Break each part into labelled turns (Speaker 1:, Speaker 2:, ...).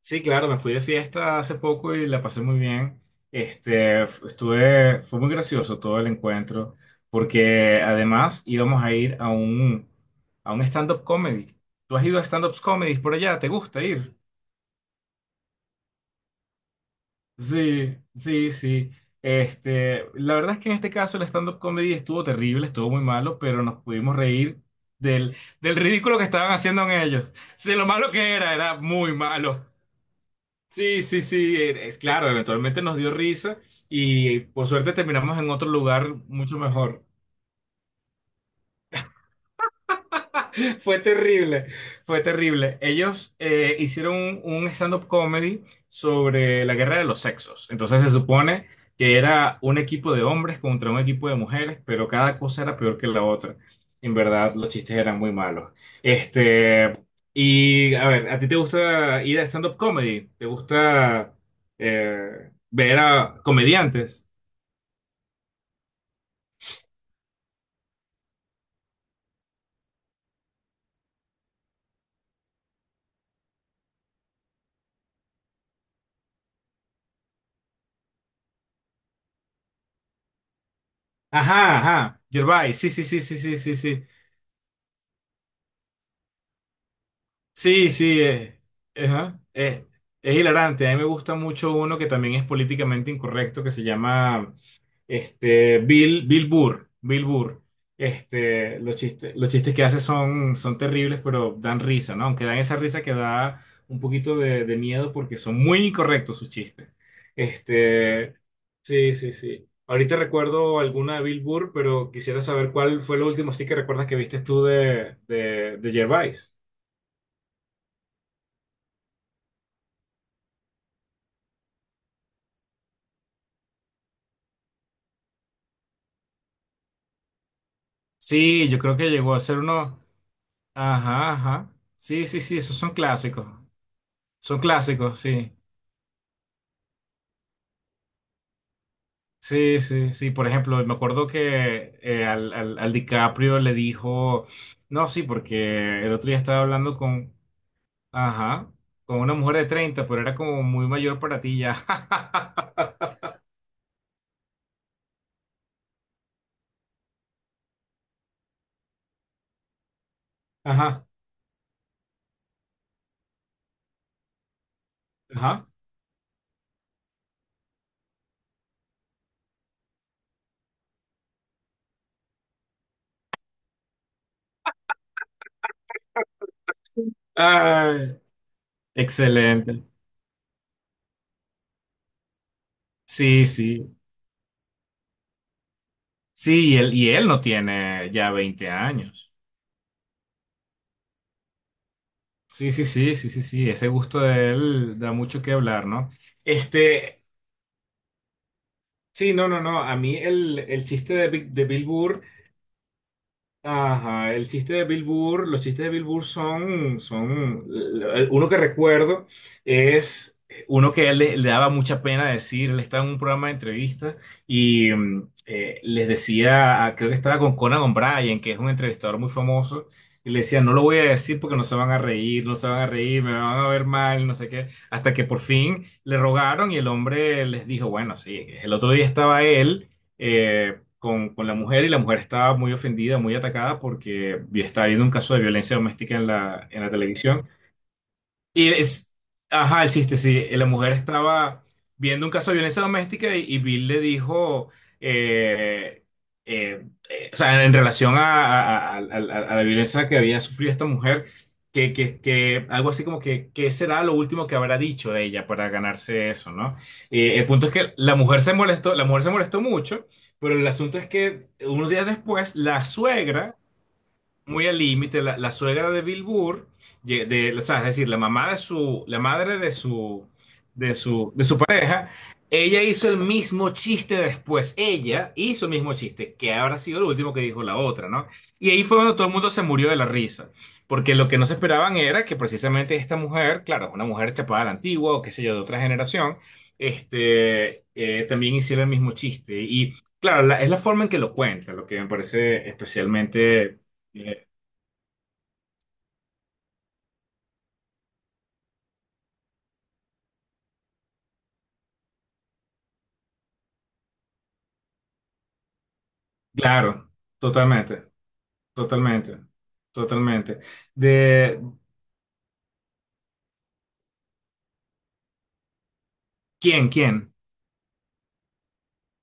Speaker 1: Sí, claro, me fui de fiesta hace poco y la pasé muy bien. Estuve, fue muy gracioso todo el encuentro, porque además íbamos a ir a un stand-up comedy. ¿Tú has ido a stand-up comedies por allá? ¿Te gusta ir? Sí, sí, sí. La verdad es que en este caso el stand-up comedy estuvo terrible, estuvo muy malo, pero nos pudimos reír del ridículo que estaban haciendo en ellos. Sí, lo malo que era, era muy malo. Sí, sí, sí, es claro, eventualmente nos dio risa y por suerte terminamos en otro lugar mucho mejor. Fue terrible, fue terrible. Ellos hicieron un stand-up comedy sobre la guerra de los sexos. Entonces se supone que era un equipo de hombres contra un equipo de mujeres, pero cada cosa era peor que la otra. En verdad, los chistes eran muy malos. Este, y a ver, ¿a ti te gusta ir a stand-up comedy? ¿Te gusta ver a comediantes? Ajá, ajá. Gervais, sí, sí, sí, sí, sí, sí, sí. Sí, sí, ajá, es hilarante. A mí me gusta mucho uno que también es políticamente incorrecto, que se llama Bill Burr. Bill Burr. Los chistes, los chistes que hace son, son terribles, pero dan risa, ¿no? Aunque dan esa risa que da un poquito de miedo porque son muy incorrectos sus chistes. Este, sí, sí, sí. Ahorita recuerdo alguna de Bill Burr, pero quisiera saber cuál fue lo último sí que recuerdas que viste tú de Gervais. Sí, yo creo que llegó a ser uno. Ajá, ajá. Sí, sí, sí, esos son clásicos. Son clásicos, sí. Sí, sí, sí. Por ejemplo, me acuerdo que al DiCaprio le dijo. No, sí, porque el otro día estaba hablando con. Ajá. Con una mujer de 30, pero era como muy mayor para ti ya. Ajá, ajá. Ay, excelente. Sí, sí. Sí, y él no tiene ya 20 años. Sí, sí, sí, sí, sí, sí, ese gusto de él da mucho que hablar, ¿no? Este, sí, no, no, no, a mí el chiste de Bill Burr. Ajá, el chiste de Bill Burr, los chistes de Bill Burr son, uno que recuerdo es uno que a él le daba mucha pena decir, él estaba en un programa de entrevistas y les decía, creo que estaba con Conan O'Brien, que es un entrevistador muy famoso, y le decía, no lo voy a decir porque no se van a reír, no se van a reír, me van a ver mal, no sé qué, hasta que por fin le rogaron y el hombre les dijo, bueno, sí, el otro día estaba él. eh, con la mujer y la mujer estaba muy ofendida, muy atacada porque estaba viendo un caso de violencia doméstica en la televisión. Y es, ajá, el chiste, sí, la mujer estaba viendo un caso de violencia doméstica y Bill le dijo, eh, o sea, en relación a la violencia que había sufrido esta mujer, que algo así como que será lo último que habrá dicho de ella para ganarse eso, ¿no? El punto es que la mujer se molestó, la mujer se molestó mucho, pero el asunto es que unos días después, la suegra muy al límite, la suegra de Bill Burr, o sea, es decir, la mamá de su, la madre de su, de su pareja, ella hizo el mismo chiste después. Ella hizo el mismo chiste, que habrá sido lo último que dijo la otra, ¿no? Y ahí fue cuando todo el mundo se murió de la risa. Porque lo que no se esperaban era que precisamente esta mujer, claro, una mujer chapada a la antigua o qué sé yo, de otra generación, también hiciera el mismo chiste. Y claro, es la forma en que lo cuenta, lo que me parece especialmente eh, claro, totalmente, totalmente, totalmente. ¿De quién?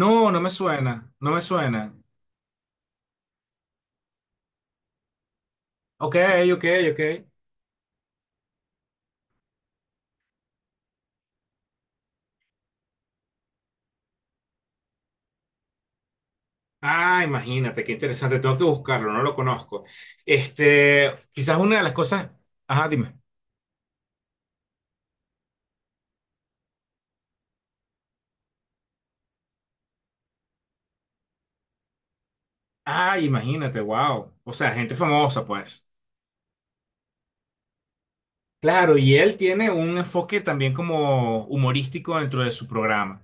Speaker 1: No, no me suena, no me suena. Ok, ok, ok. Ah, imagínate, qué interesante, tengo que buscarlo, no lo conozco. Quizás una de las cosas, ajá, dime. Ah, imagínate, wow. O sea, gente famosa, pues. Claro, y él tiene un enfoque también como humorístico dentro de su programa.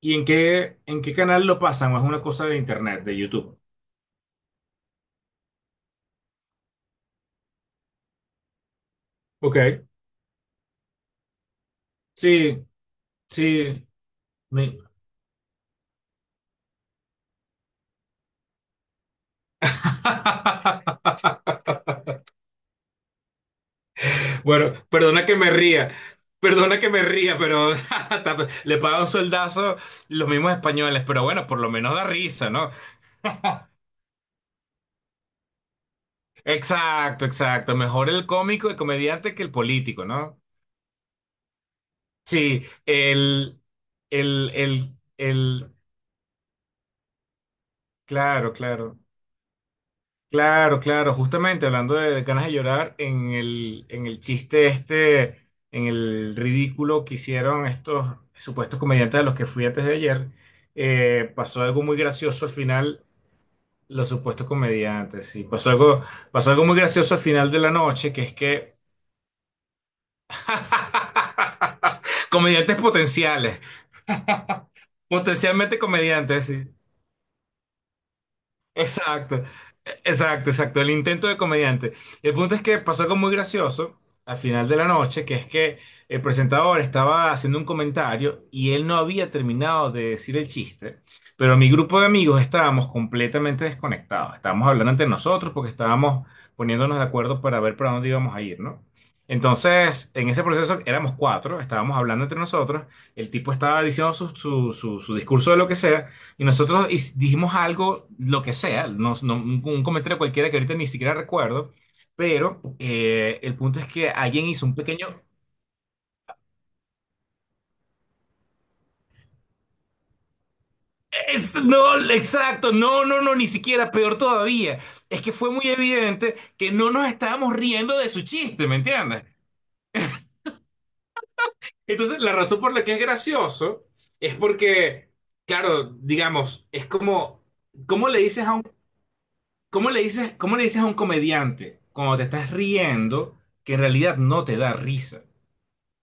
Speaker 1: ¿Y en qué canal lo pasan? ¿O es una cosa de internet, de YouTube? Ok. Sí, sí, me- bueno, perdona que me ría, perdona que me ría, pero le pagan sueldazo los mismos españoles, pero bueno, por lo menos da risa, ¿no? Exacto, exacto. Mejor el cómico, el comediante que el político, ¿no? Sí, el, el, el, claro, claro. Claro, claro, justamente hablando de ganas de llorar, en el chiste este, en el ridículo que hicieron estos supuestos comediantes a los que fui antes de ayer, pasó algo muy gracioso al final, los supuestos comediantes, sí, pasó algo muy gracioso al final de la noche, que es que comediantes potenciales, potencialmente comediantes, sí. Exacto, exacto, exacto, el intento de comediante. El punto es que pasó algo muy gracioso al final de la noche, que es que el presentador estaba haciendo un comentario y él no había terminado de decir el chiste, pero mi grupo de amigos estábamos completamente desconectados, estábamos hablando entre nosotros porque estábamos poniéndonos de acuerdo para ver para dónde íbamos a ir, ¿no? Entonces, en ese proceso éramos 4, estábamos hablando entre nosotros, el tipo estaba diciendo su discurso de lo que sea. Y nosotros dijimos algo, lo que sea, un comentario cualquiera que ahorita ni siquiera recuerdo, pero el punto es que alguien hizo un pequeño... No, exacto, no, no, no, ni siquiera, peor todavía. Es que fue muy evidente que no nos estábamos riendo de su chiste, ¿me entiendes? Entonces, la razón por la que es gracioso es porque, claro, digamos, es como, ¿cómo le dices a un ¿cómo le dices, cómo le dices a un comediante cuando te estás riendo que en realidad no te da risa?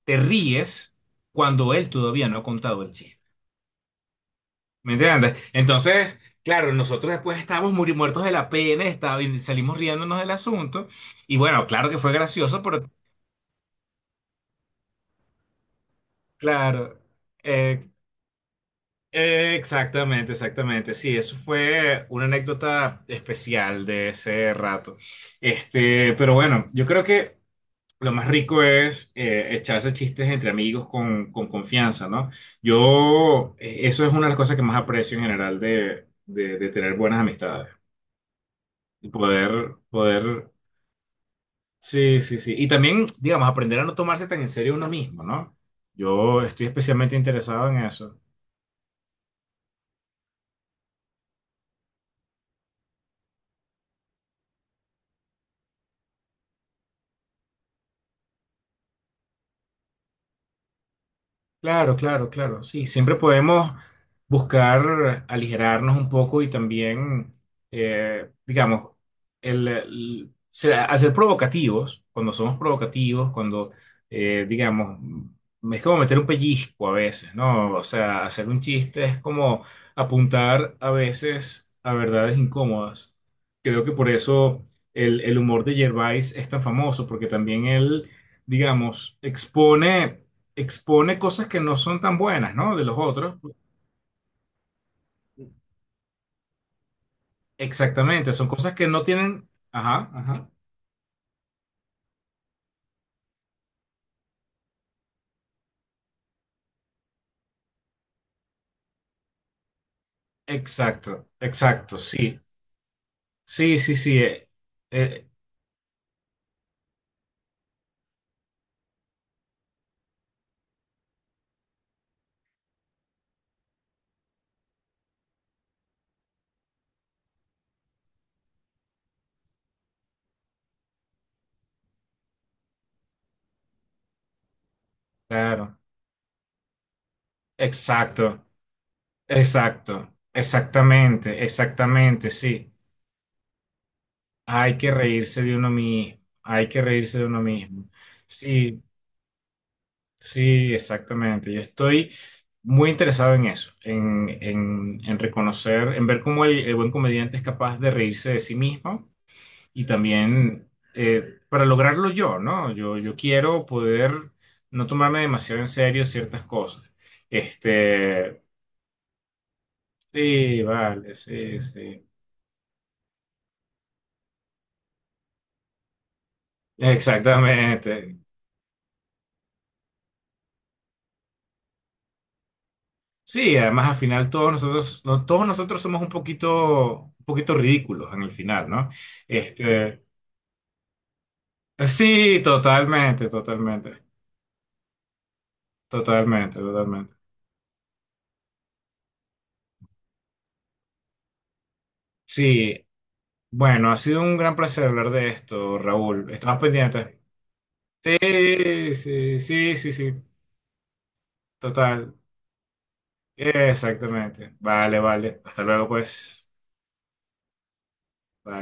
Speaker 1: Te ríes cuando él todavía no ha contado el chiste. ¿Me entiendes? Entonces, claro, nosotros después estábamos muertos de la pena, y salimos riéndonos del asunto. Y bueno, claro que fue gracioso, pero claro. eh, exactamente, exactamente. Sí, eso fue una anécdota especial de ese rato. Pero bueno, yo creo que. Lo más rico es echarse chistes entre amigos con confianza, ¿no? Yo, eso es una de las cosas que más aprecio en general de tener buenas amistades. Y poder, poder, sí, sí, sí. Y también, digamos, aprender a no tomarse tan en serio uno mismo, ¿no? Yo estoy especialmente interesado en eso. Claro, claro, claro. Sí, siempre podemos buscar aligerarnos un poco y también, digamos, hacer provocativos, cuando somos provocativos, cuando, digamos, es como meter un pellizco a veces, ¿no? O sea, hacer un chiste es como apuntar a veces a verdades incómodas. Creo que por eso el humor de Gervais es tan famoso, porque también él, digamos, expone expone cosas que no son tan buenas, ¿no? De los otros. Exactamente, son cosas que no tienen... Ajá, ajá. Exacto, exacto, sí. Sí, sí, sí. Eh, claro. Exacto, exacto. Exactamente, exactamente, sí. Hay que reírse de uno mismo. Hay que reírse de uno mismo. Sí, sí, exactamente. Yo estoy muy interesado en eso, en reconocer, en ver cómo el buen comediante es capaz de reírse de sí mismo. Y también para lograrlo yo, ¿no? Yo quiero poder no tomarme demasiado en serio ciertas cosas. Este, sí, vale, sí, sí. Exactamente. Sí, además al final todos nosotros, no, todos nosotros somos un poquito ridículos en el final, ¿no? Este, sí, totalmente, totalmente, totalmente, totalmente. Sí, bueno, ha sido un gran placer hablar de esto, Raúl. Estamos pendientes. Sí, sí, sí, sí, sí, total. Exactamente. Vale, vale. Hasta luego, pues. Vale.